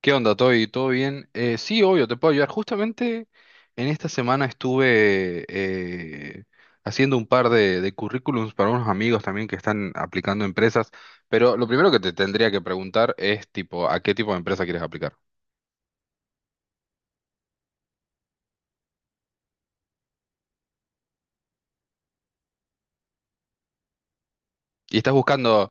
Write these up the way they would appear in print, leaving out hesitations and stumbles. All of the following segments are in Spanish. ¿Qué onda, Toy? ¿Todo bien? Sí, obvio, te puedo ayudar. Justamente en esta semana estuve haciendo un par de currículums para unos amigos también que están aplicando a empresas, pero lo primero que te tendría que preguntar es tipo, ¿a qué tipo de empresa quieres aplicar? ¿Y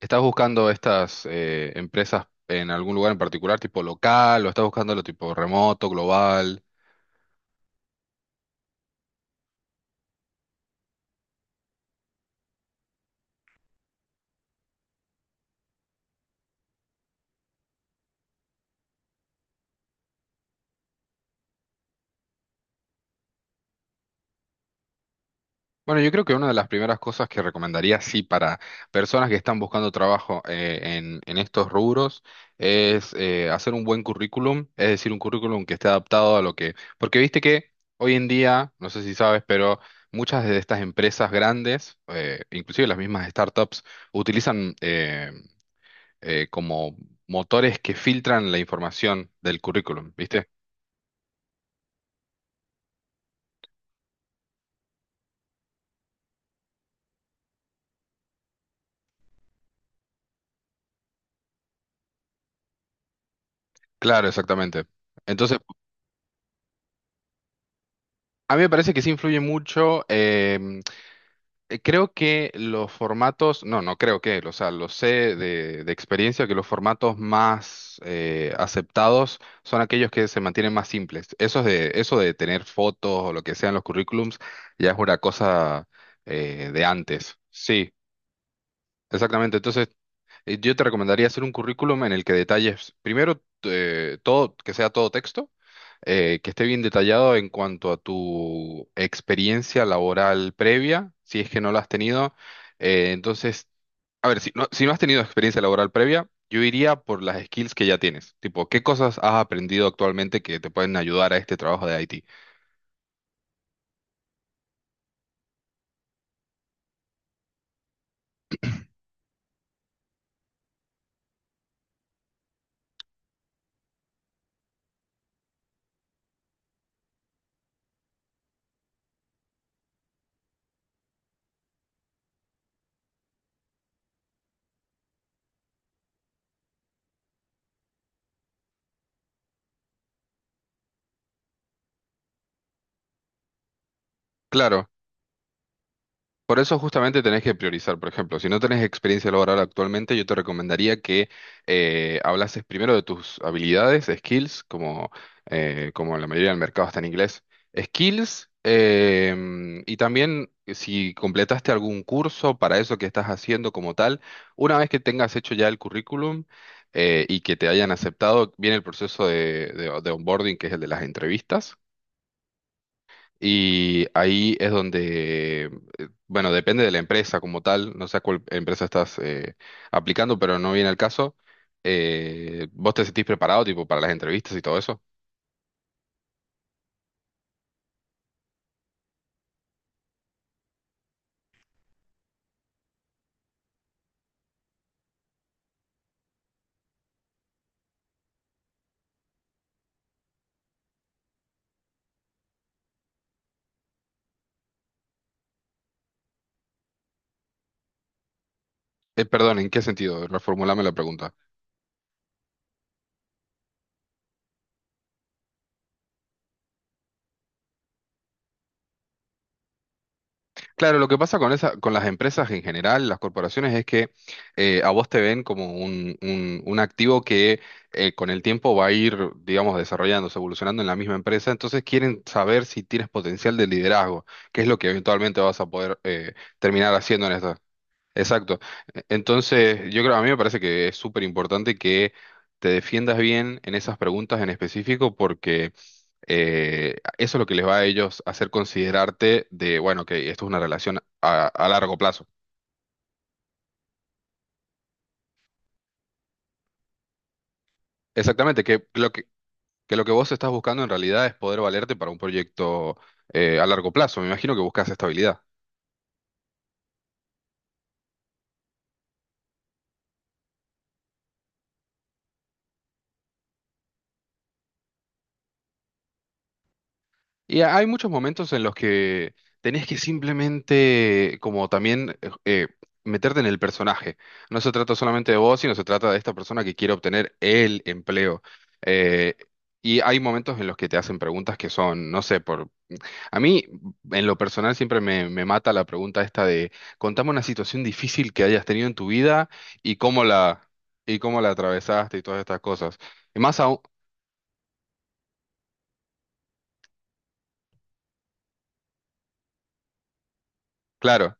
estás buscando estas empresas en algún lugar en particular, tipo local, o estás buscándolo tipo remoto, global? Bueno, yo creo que una de las primeras cosas que recomendaría, sí, para personas que están buscando trabajo en estos rubros, es hacer un buen currículum, es decir, un currículum que esté adaptado a lo que... Porque viste que hoy en día, no sé si sabes, pero muchas de estas empresas grandes, inclusive las mismas startups, utilizan como motores que filtran la información del currículum, ¿viste? Claro, exactamente. Entonces, a mí me parece que sí influye mucho. Creo que los formatos, no, no creo que, o sea, lo sé de experiencia que los formatos más aceptados son aquellos que se mantienen más simples. Eso de tener fotos o lo que sea en los currículums ya es una cosa de antes. Sí, exactamente. Entonces, yo te recomendaría hacer un currículum en el que detalles primero todo, que sea todo texto, que esté bien detallado en cuanto a tu experiencia laboral previa, si es que no la has tenido. Entonces, a ver, si no, si no has tenido experiencia laboral previa, yo iría por las skills que ya tienes, tipo, ¿qué cosas has aprendido actualmente que te pueden ayudar a este trabajo de IT? Claro. Por eso justamente tenés que priorizar, por ejemplo, si no tenés experiencia laboral actualmente, yo te recomendaría que hablases primero de tus habilidades, skills, como, como la mayoría del mercado está en inglés, skills, em, y también si completaste algún curso para eso que estás haciendo como tal, una vez que tengas hecho ya el currículum y que te hayan aceptado, viene el proceso de de onboarding, que es el de las entrevistas y ahí es donde, bueno, depende de la empresa como tal, no sé a cuál empresa estás aplicando, pero no viene al caso. ¿Vos te sentís preparado tipo para las entrevistas y todo eso? Perdón, ¿en qué sentido? Reformulame la pregunta. Claro, lo que pasa con esa, con las empresas en general, las corporaciones, es que a vos te ven como un, un activo que con el tiempo va a ir, digamos, desarrollándose, evolucionando en la misma empresa. Entonces quieren saber si tienes potencial de liderazgo, que es lo que eventualmente vas a poder terminar haciendo en esta. Exacto. Entonces, yo creo, a mí me parece que es súper importante que te defiendas bien en esas preguntas en específico, porque eso es lo que les va a ellos hacer considerarte de, bueno, que esto es una relación a largo plazo. Exactamente, que lo que vos estás buscando en realidad es poder valerte para un proyecto a largo plazo. Me imagino que buscas estabilidad. Y hay muchos momentos en los que tenés que simplemente, como también, meterte en el personaje. No se trata solamente de vos, sino se trata de esta persona que quiere obtener el empleo. Eh, y hay momentos en los que te hacen preguntas que son, no sé, a mí, en lo personal, siempre me, me mata la pregunta esta de, contame una situación difícil que hayas tenido en tu vida y cómo la, y cómo la atravesaste y todas estas cosas. Y más aún, claro,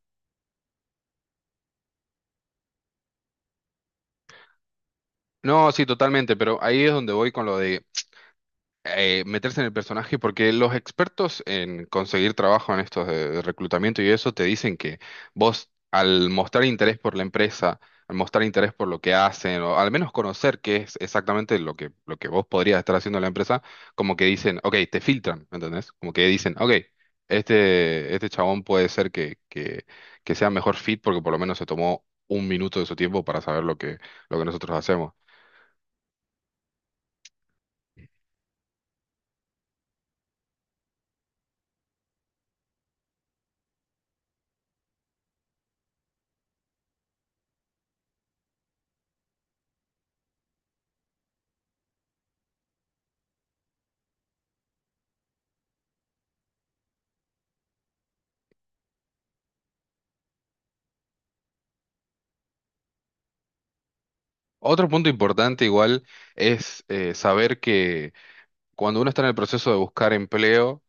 no, sí, totalmente, pero ahí es donde voy con lo de meterse en el personaje, porque los expertos en conseguir trabajo en estos de reclutamiento y eso te dicen que vos al mostrar interés por la empresa, al mostrar interés por lo que hacen, o al menos conocer qué es exactamente lo que vos podrías estar haciendo en la empresa, como que dicen, ok, te filtran, ¿me entendés? Como que dicen, ok, este chabón puede ser que sea mejor fit porque por lo menos se tomó un minuto de su tiempo para saber lo que nosotros hacemos. Otro punto importante igual es saber que cuando uno está en el proceso de buscar empleo,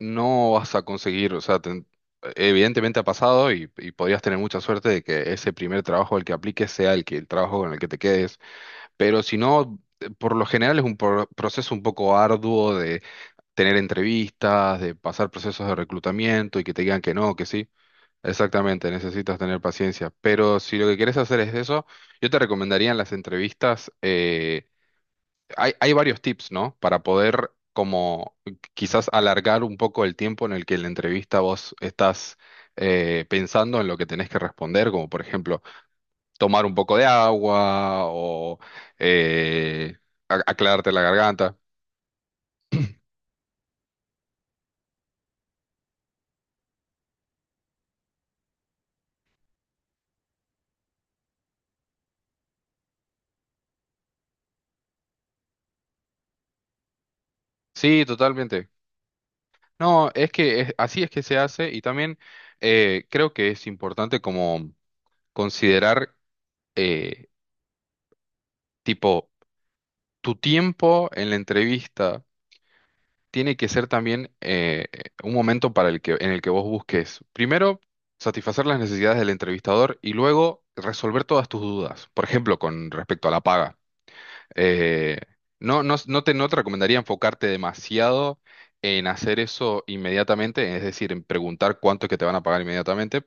no vas a conseguir, o sea, ten- evidentemente ha pasado y podrías tener mucha suerte de que ese primer trabajo al que apliques sea el que el trabajo con el que te quedes, pero si no, por lo general es un proceso un poco arduo de tener entrevistas, de pasar procesos de reclutamiento y que te digan que no, que sí. Exactamente, necesitas tener paciencia. Pero si lo que quieres hacer es eso, yo te recomendaría en las entrevistas, hay, hay varios tips, ¿no? Para poder como quizás alargar un poco el tiempo en el que en la entrevista vos estás pensando en lo que tenés que responder, como por ejemplo tomar un poco de agua o eh, aclararte la garganta. Sí, totalmente. No, es que así es que se hace y también creo que es importante como considerar eh, tipo, tu tiempo en la entrevista tiene que ser también un momento para el que, en el que vos busques, primero, satisfacer las necesidades del entrevistador y luego resolver todas tus dudas. Por ejemplo, con respecto a la paga. Eh, no, no, no te recomendaría enfocarte demasiado en hacer eso inmediatamente, es decir, en preguntar cuánto es que te van a pagar inmediatamente.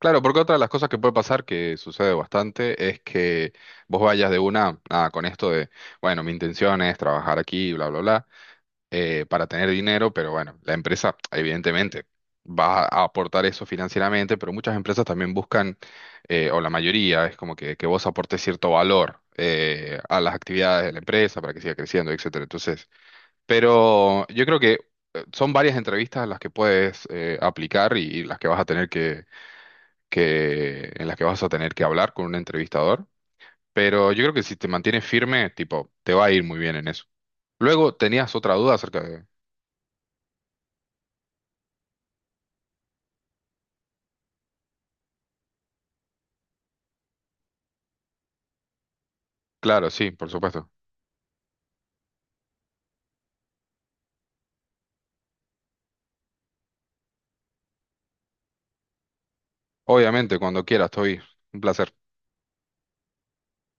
Claro, porque otra de las cosas que puede pasar, que sucede bastante, es que vos vayas de una, nada, con esto de, bueno, mi intención es trabajar aquí, bla, bla, bla, para tener dinero, pero bueno, la empresa, evidentemente, va a aportar eso financieramente, pero muchas empresas también buscan, o la mayoría, es como que vos aportes cierto valor a las actividades de la empresa para que siga creciendo, etcétera. Entonces, pero yo creo que son varias entrevistas las que puedes aplicar y las que vas a tener que, en las que vas a tener que hablar con un entrevistador, pero yo creo que si te mantienes firme, tipo, te va a ir muy bien en eso. Luego, ¿tenías otra duda acerca de...? Claro, sí, por supuesto. Obviamente, cuando quieras, estoy. Un placer.